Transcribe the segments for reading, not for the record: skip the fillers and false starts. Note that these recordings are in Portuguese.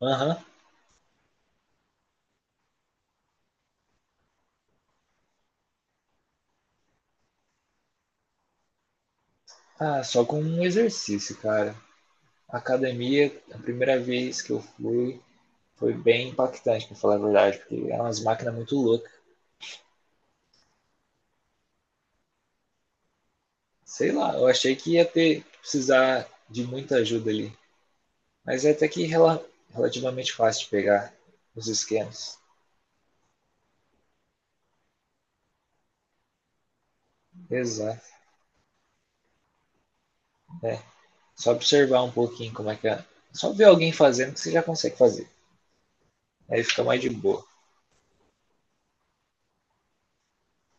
Aham. Ah, só com um exercício, cara. Academia, a primeira vez que eu fui, foi bem impactante, pra falar a verdade, porque eram umas máquinas muito loucas. Sei lá, eu achei que ia ter que precisar de muita ajuda ali. Mas é até que relativamente fácil de pegar os esquemas. Exato. É. Só observar um pouquinho como é que é. Só ver alguém fazendo que você já consegue fazer. Aí fica mais de boa.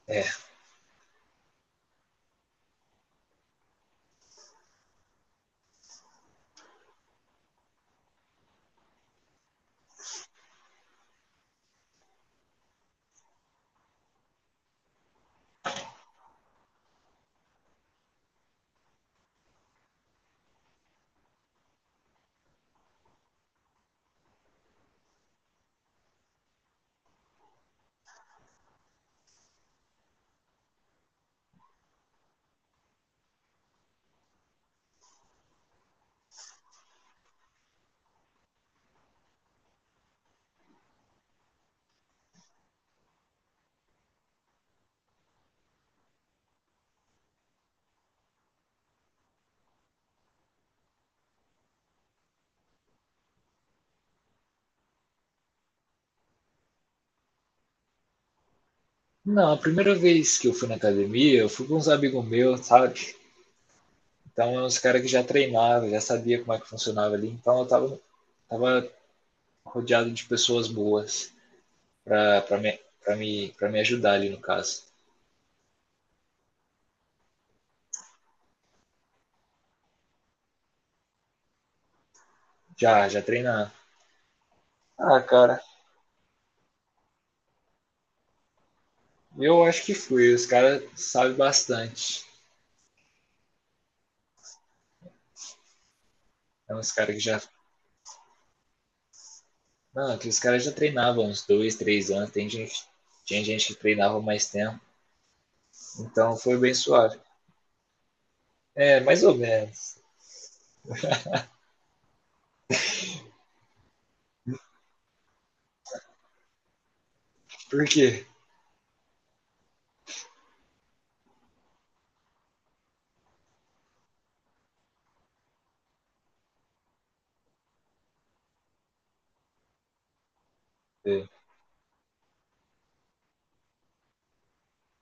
É. Não, a primeira vez que eu fui na academia, eu fui com uns amigos meus, sabe? Então, é uns caras que já treinava, já sabia como é que funcionava ali. Então, eu tava rodeado de pessoas boas para me, pra me, pra me ajudar ali, no caso. Já, já treinava. Ah, cara, eu acho que fui. Os caras sabem bastante. É uns caras que já. Não, aqueles caras já treinavam uns 2, 3 anos. Tem gente, tinha gente que treinava mais tempo. Então foi bem suave. É, mais ou menos. Por quê? É.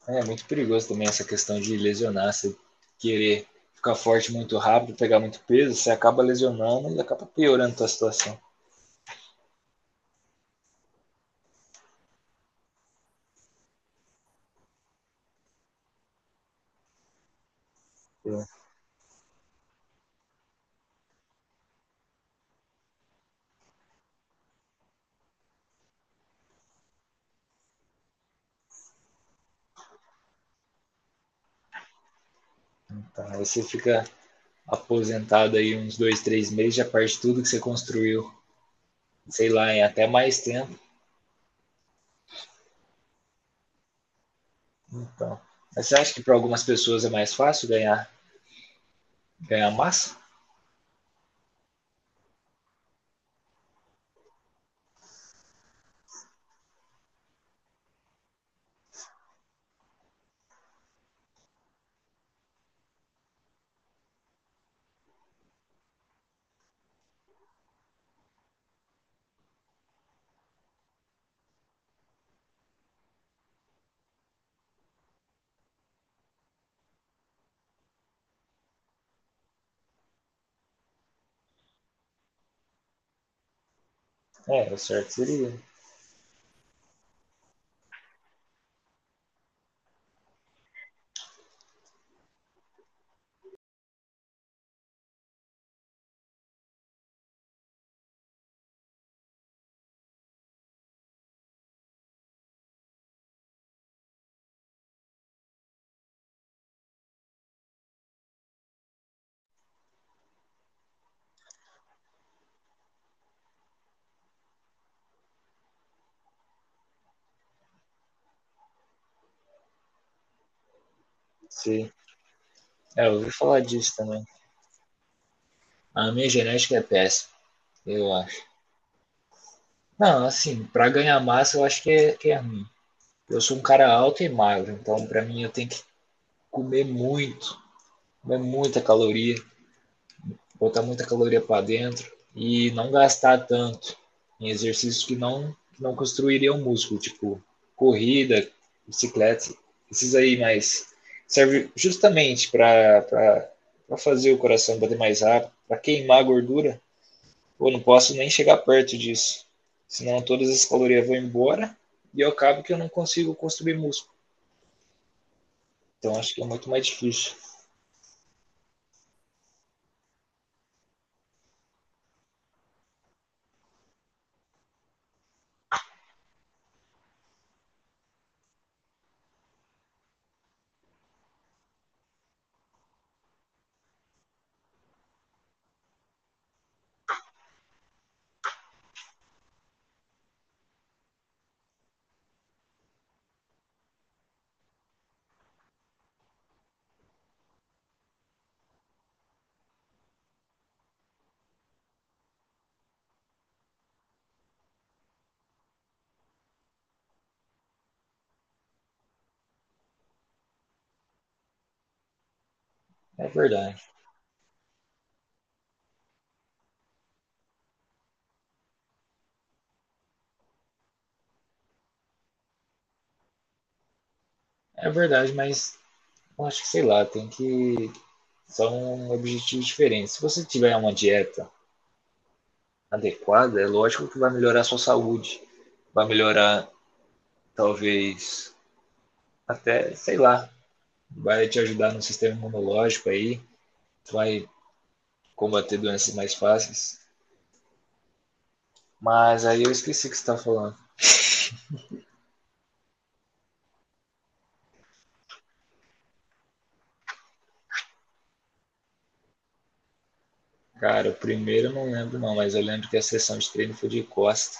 É muito perigoso também essa questão de lesionar, você querer ficar forte muito rápido, pegar muito peso, você acaba lesionando e acaba piorando a tua situação. Então, aí você fica aposentado aí uns 2, 3 meses, já perde tudo que você construiu, sei lá, em até mais tempo. Então, mas você acha que para algumas pessoas é mais fácil ganhar massa? É, o certo seria. Sim. É, eu ouvi falar disso também. A minha genética é péssima, eu acho. Não, assim, para ganhar massa eu acho que é, ruim. Eu sou um cara alto e magro, então para mim eu tenho que comer muito, comer muita caloria, botar muita caloria para dentro e não gastar tanto em exercícios que não construiriam músculo, tipo corrida, bicicleta, esses aí, mas serve justamente para fazer o coração bater mais rápido, para queimar a gordura. Pô, não posso nem chegar perto disso, senão todas as calorias vão embora e eu acabo que eu não consigo construir músculo. Então acho que é muito mais difícil. É verdade. É verdade, mas eu acho que, sei lá, tem que. São objetivos diferentes. Se você tiver uma dieta adequada, é lógico que vai melhorar a sua saúde. Vai melhorar, talvez, até, sei lá, vai te ajudar no sistema imunológico aí. Vai combater doenças mais fáceis. Mas aí eu esqueci o que você estava falando. Cara, o primeiro eu não lembro não, mas eu lembro que a sessão de treino foi de costa.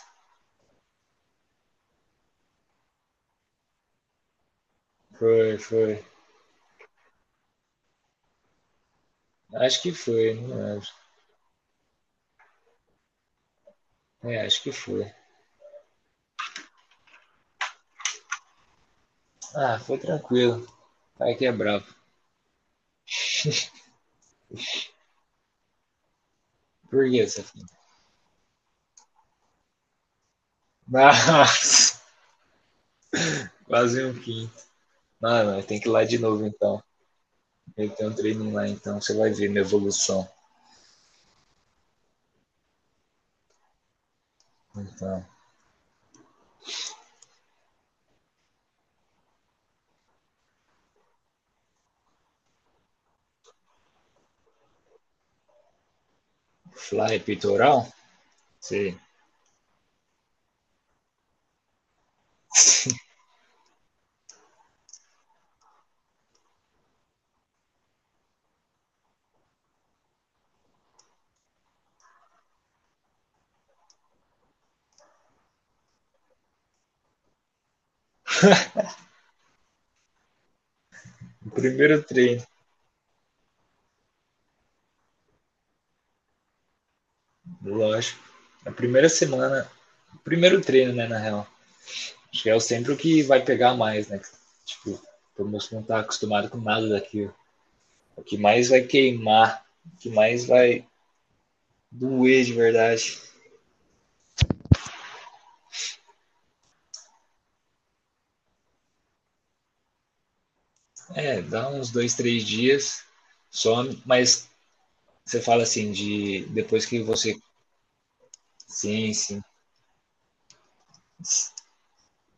Foi, foi. Acho que foi, não lembro. É, acho que foi. Ah, foi tranquilo. Vai que é bravo. Por que essa fita? Nossa, quase um quinto. Mano, tem que ir lá de novo então. Meter um treino lá então, você vai ver minha evolução. Então, fly peitoral? Sim. O primeiro treino, lógico. Na primeira semana, o primeiro treino, né, na real. Acho que é sempre o que vai pegar mais, né? Tipo, o músculo não tá acostumado com nada daquilo. O que mais vai queimar, o que mais vai doer de verdade. É, dá uns 2, 3 dias, some, mas você fala assim, de depois que você. Sim, sim.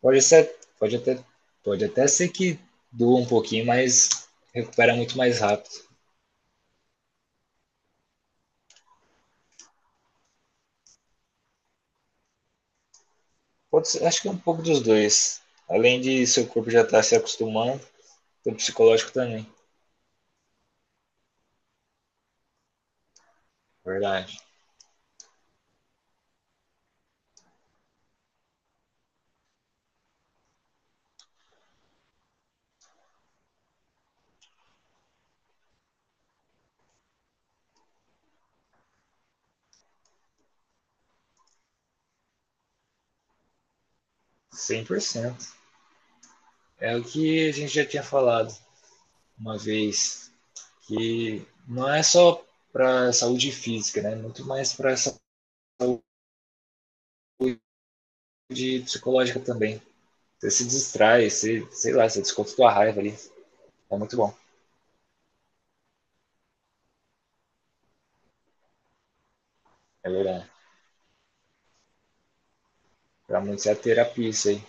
Pode ser, pode até, pode até ser que doa um pouquinho, mas recupera muito mais rápido. Acho que é um pouco dos dois. Além de seu corpo já estar se acostumando, o psicológico também. Verdade. 100%. É o que a gente já tinha falado uma vez, que não é só para saúde física, né? Muito mais para saúde de psicológica também. Você se distrai, você, sei lá, você desconta tua raiva ali. É muito bom. É verdade. Pra muitos é a terapia isso aí.